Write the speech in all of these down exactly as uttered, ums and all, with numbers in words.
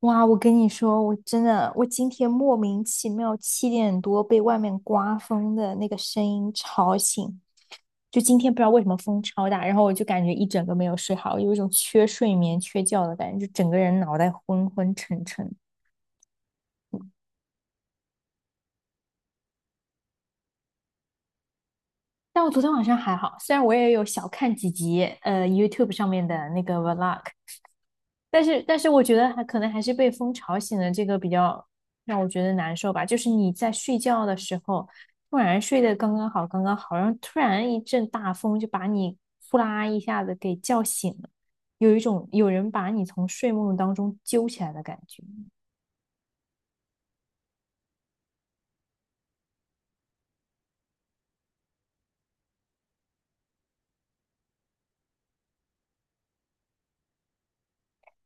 哇，我跟你说，我真的，我今天莫名其妙七点多被外面刮风的那个声音吵醒，就今天不知道为什么风超大，然后我就感觉一整个没有睡好，有一种缺睡眠、缺觉的感觉，就整个人脑袋昏昏沉沉。但我昨天晚上还好，虽然我也有小看几集呃 YouTube 上面的那个 vlog，但是，但是我觉得还可能还是被风吵醒了，这个比较让我觉得难受吧。就是你在睡觉的时候，突然睡得刚刚好，刚刚好，然后突然一阵大风就把你呼啦一下子给叫醒了，有一种有人把你从睡梦当中揪起来的感觉。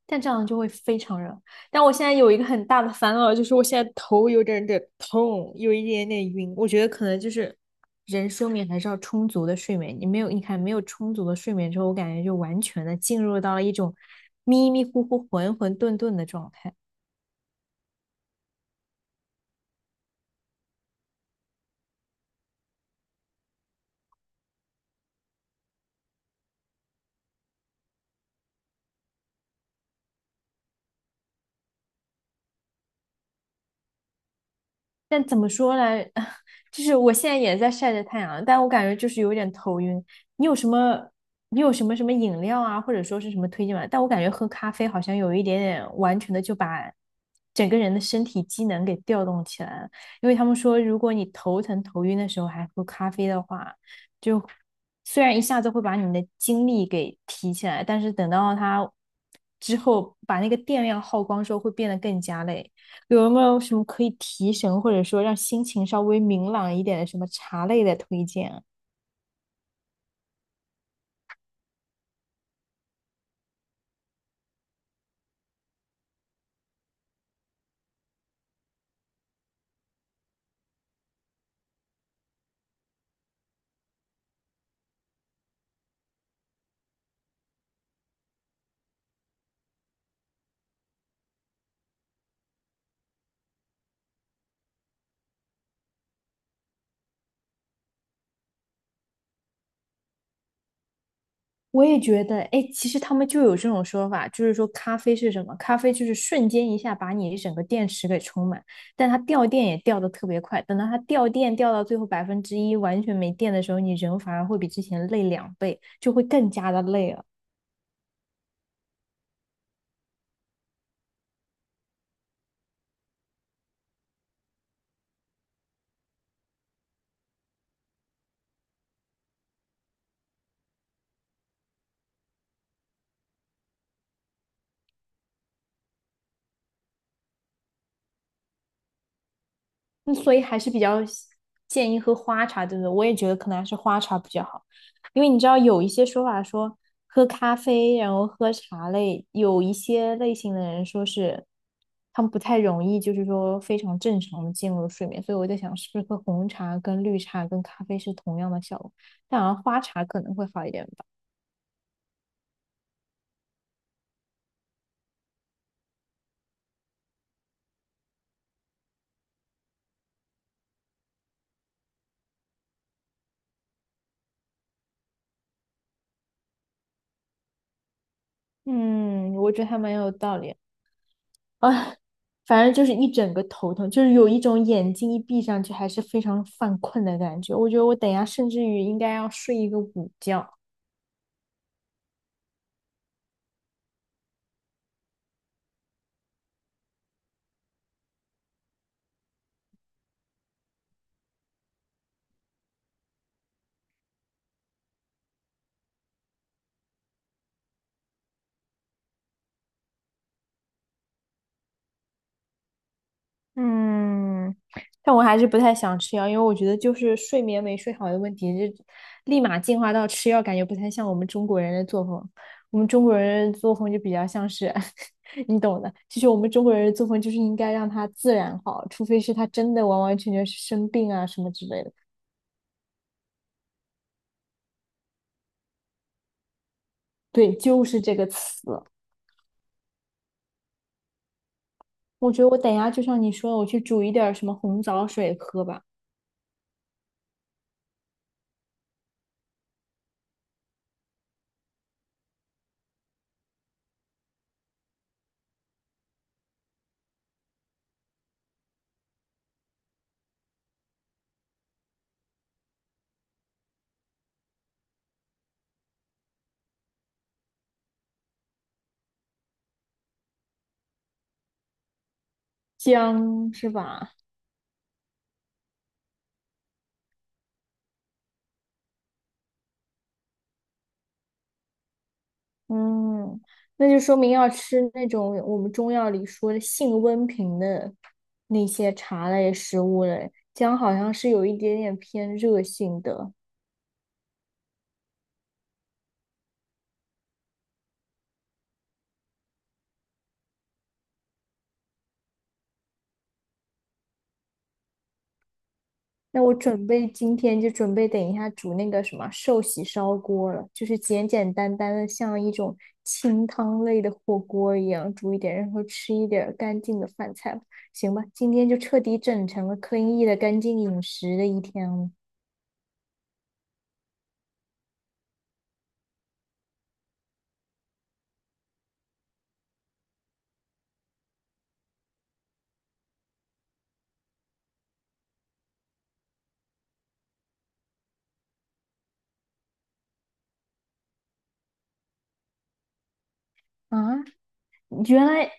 但这样就会非常热。但我现在有一个很大的烦恼，就是我现在头有点点痛，有一点点晕。我觉得可能就是人睡眠还是要充足的睡眠。你没有，你看没有充足的睡眠之后，我感觉就完全的进入到了一种迷迷糊糊、混混沌沌的状态。但怎么说呢？就是我现在也在晒着太阳，但我感觉就是有点头晕。你有什么，你有什么什么饮料啊，或者说是什么推荐吗？但我感觉喝咖啡好像有一点点完全的就把整个人的身体机能给调动起来了。因为他们说，如果你头疼头晕的时候还喝咖啡的话，就虽然一下子会把你的精力给提起来，但是等到它之后把那个电量耗光之后，会变得更加累。有没有什么可以提神或者说让心情稍微明朗一点的什么茶类的推荐啊？我也觉得，哎，其实他们就有这种说法，就是说咖啡是什么？咖啡就是瞬间一下把你整个电池给充满，但它掉电也掉的特别快。等到它掉电掉到最后百分之一完全没电的时候，你人反而会比之前累两倍，就会更加的累了。嗯所以还是比较建议喝花茶，对不对？我也觉得可能还是花茶比较好，因为你知道有一些说法说喝咖啡，然后喝茶类，有一些类型的人说是他们不太容易，就是说非常正常的进入睡眠，所以我在想是不是喝红茶跟绿茶跟咖啡是同样的效果，但好像花茶可能会好一点吧。嗯，我觉得还蛮有道理。哎，反正就是一整个头疼，就是有一种眼睛一闭上去还是非常犯困的感觉。我觉得我等一下甚至于应该要睡一个午觉。嗯，但我还是不太想吃药，因为我觉得就是睡眠没睡好的问题，就立马进化到吃药，感觉不太像我们中国人的作风。我们中国人的作风就比较像是，你懂的。其实我们中国人的作风就是应该让它自然好，除非是他真的完完全全是生病啊什么之类的。对，就是这个词。我觉得我等一下就像你说的，我去煮一点儿什么红枣水喝吧，姜是吧？嗯，那就说明要吃那种我们中药里说的性温平的那些茶类食物嘞。姜好像是有一点点偏热性的。那我准备今天就准备等一下煮那个什么寿喜烧锅了，就是简简单单的，像一种清汤类的火锅一样煮一点，然后吃一点儿干净的饭菜吧。行吧，今天就彻底整成了 c l e 的干净饮食的一天了。啊，原来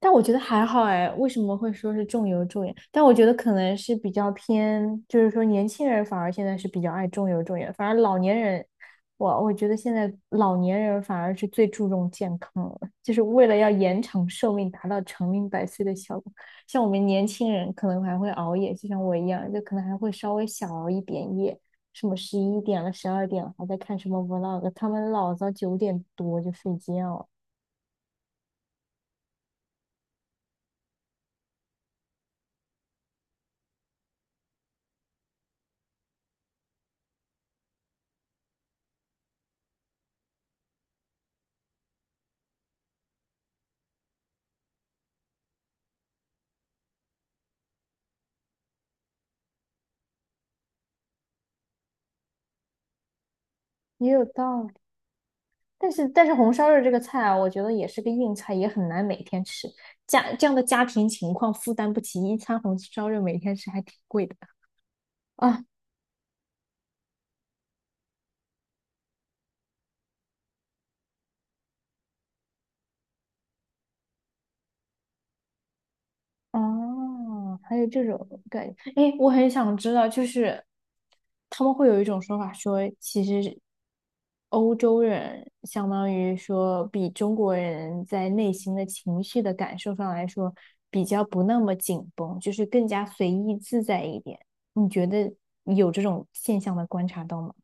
但我觉得还好哎，为什么会说是重油重盐？但我觉得可能是比较偏，就是说年轻人反而现在是比较爱重油重盐，反而老年人，我我觉得现在老年人反而是最注重健康了，就是为了要延长寿命，达到长命百岁的效果。像我们年轻人可能还会熬夜，就像我一样，就可能还会稍微小熬一点夜，什么十一点了、十二点了还在看什么 vlog，他们老早九点多就睡觉了。也有道理。但是但是红烧肉这个菜啊，我觉得也是个硬菜，也很难每天吃。家这样的家庭情况负担不起一餐红烧肉，每天吃还挺贵的啊。哦，还有这种感觉，哎，我很想知道，就是他们会有一种说法说，其实欧洲人相当于说比中国人在内心的情绪的感受上来说，比较不那么紧绷，就是更加随意自在一点。你觉得有这种现象的观察到吗？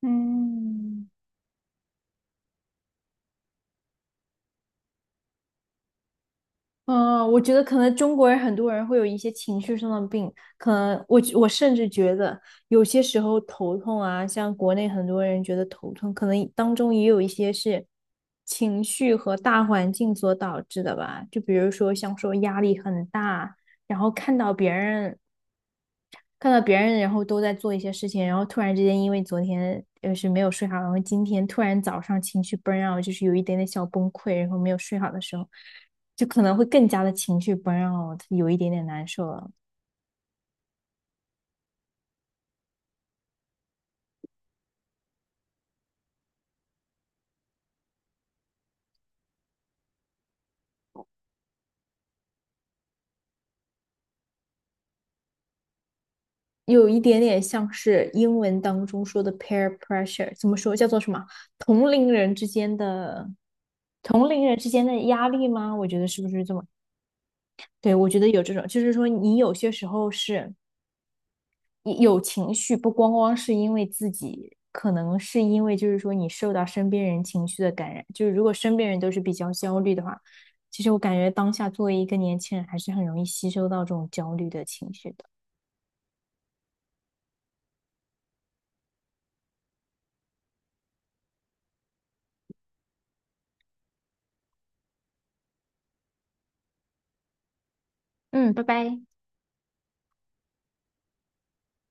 嗯。嗯，我觉得可能中国人很多人会有一些情绪上的病，可能我我甚至觉得有些时候头痛啊，像国内很多人觉得头痛，可能当中也有一些是情绪和大环境所导致的吧。就比如说像说压力很大，然后看到别人看到别人然后都在做一些事情，然后突然之间因为昨天呃是没有睡好，然后今天突然早上情绪 burn out，就是有一点点小崩溃，然后没有睡好的时候，就可能会更加的情绪 burn out，有一点点难受了，有一点点像是英文当中说的 peer pressure，怎么说叫做什么？同龄人之间的同龄人之间的压力吗？我觉得是不是这么？对，我觉得有这种，就是说你有些时候是。有情绪，不光光是因为自己，可能是因为就是说你受到身边人情绪的感染。就是如果身边人都是比较焦虑的话，其实我感觉当下作为一个年轻人，还是很容易吸收到这种焦虑的情绪的。嗯，拜拜。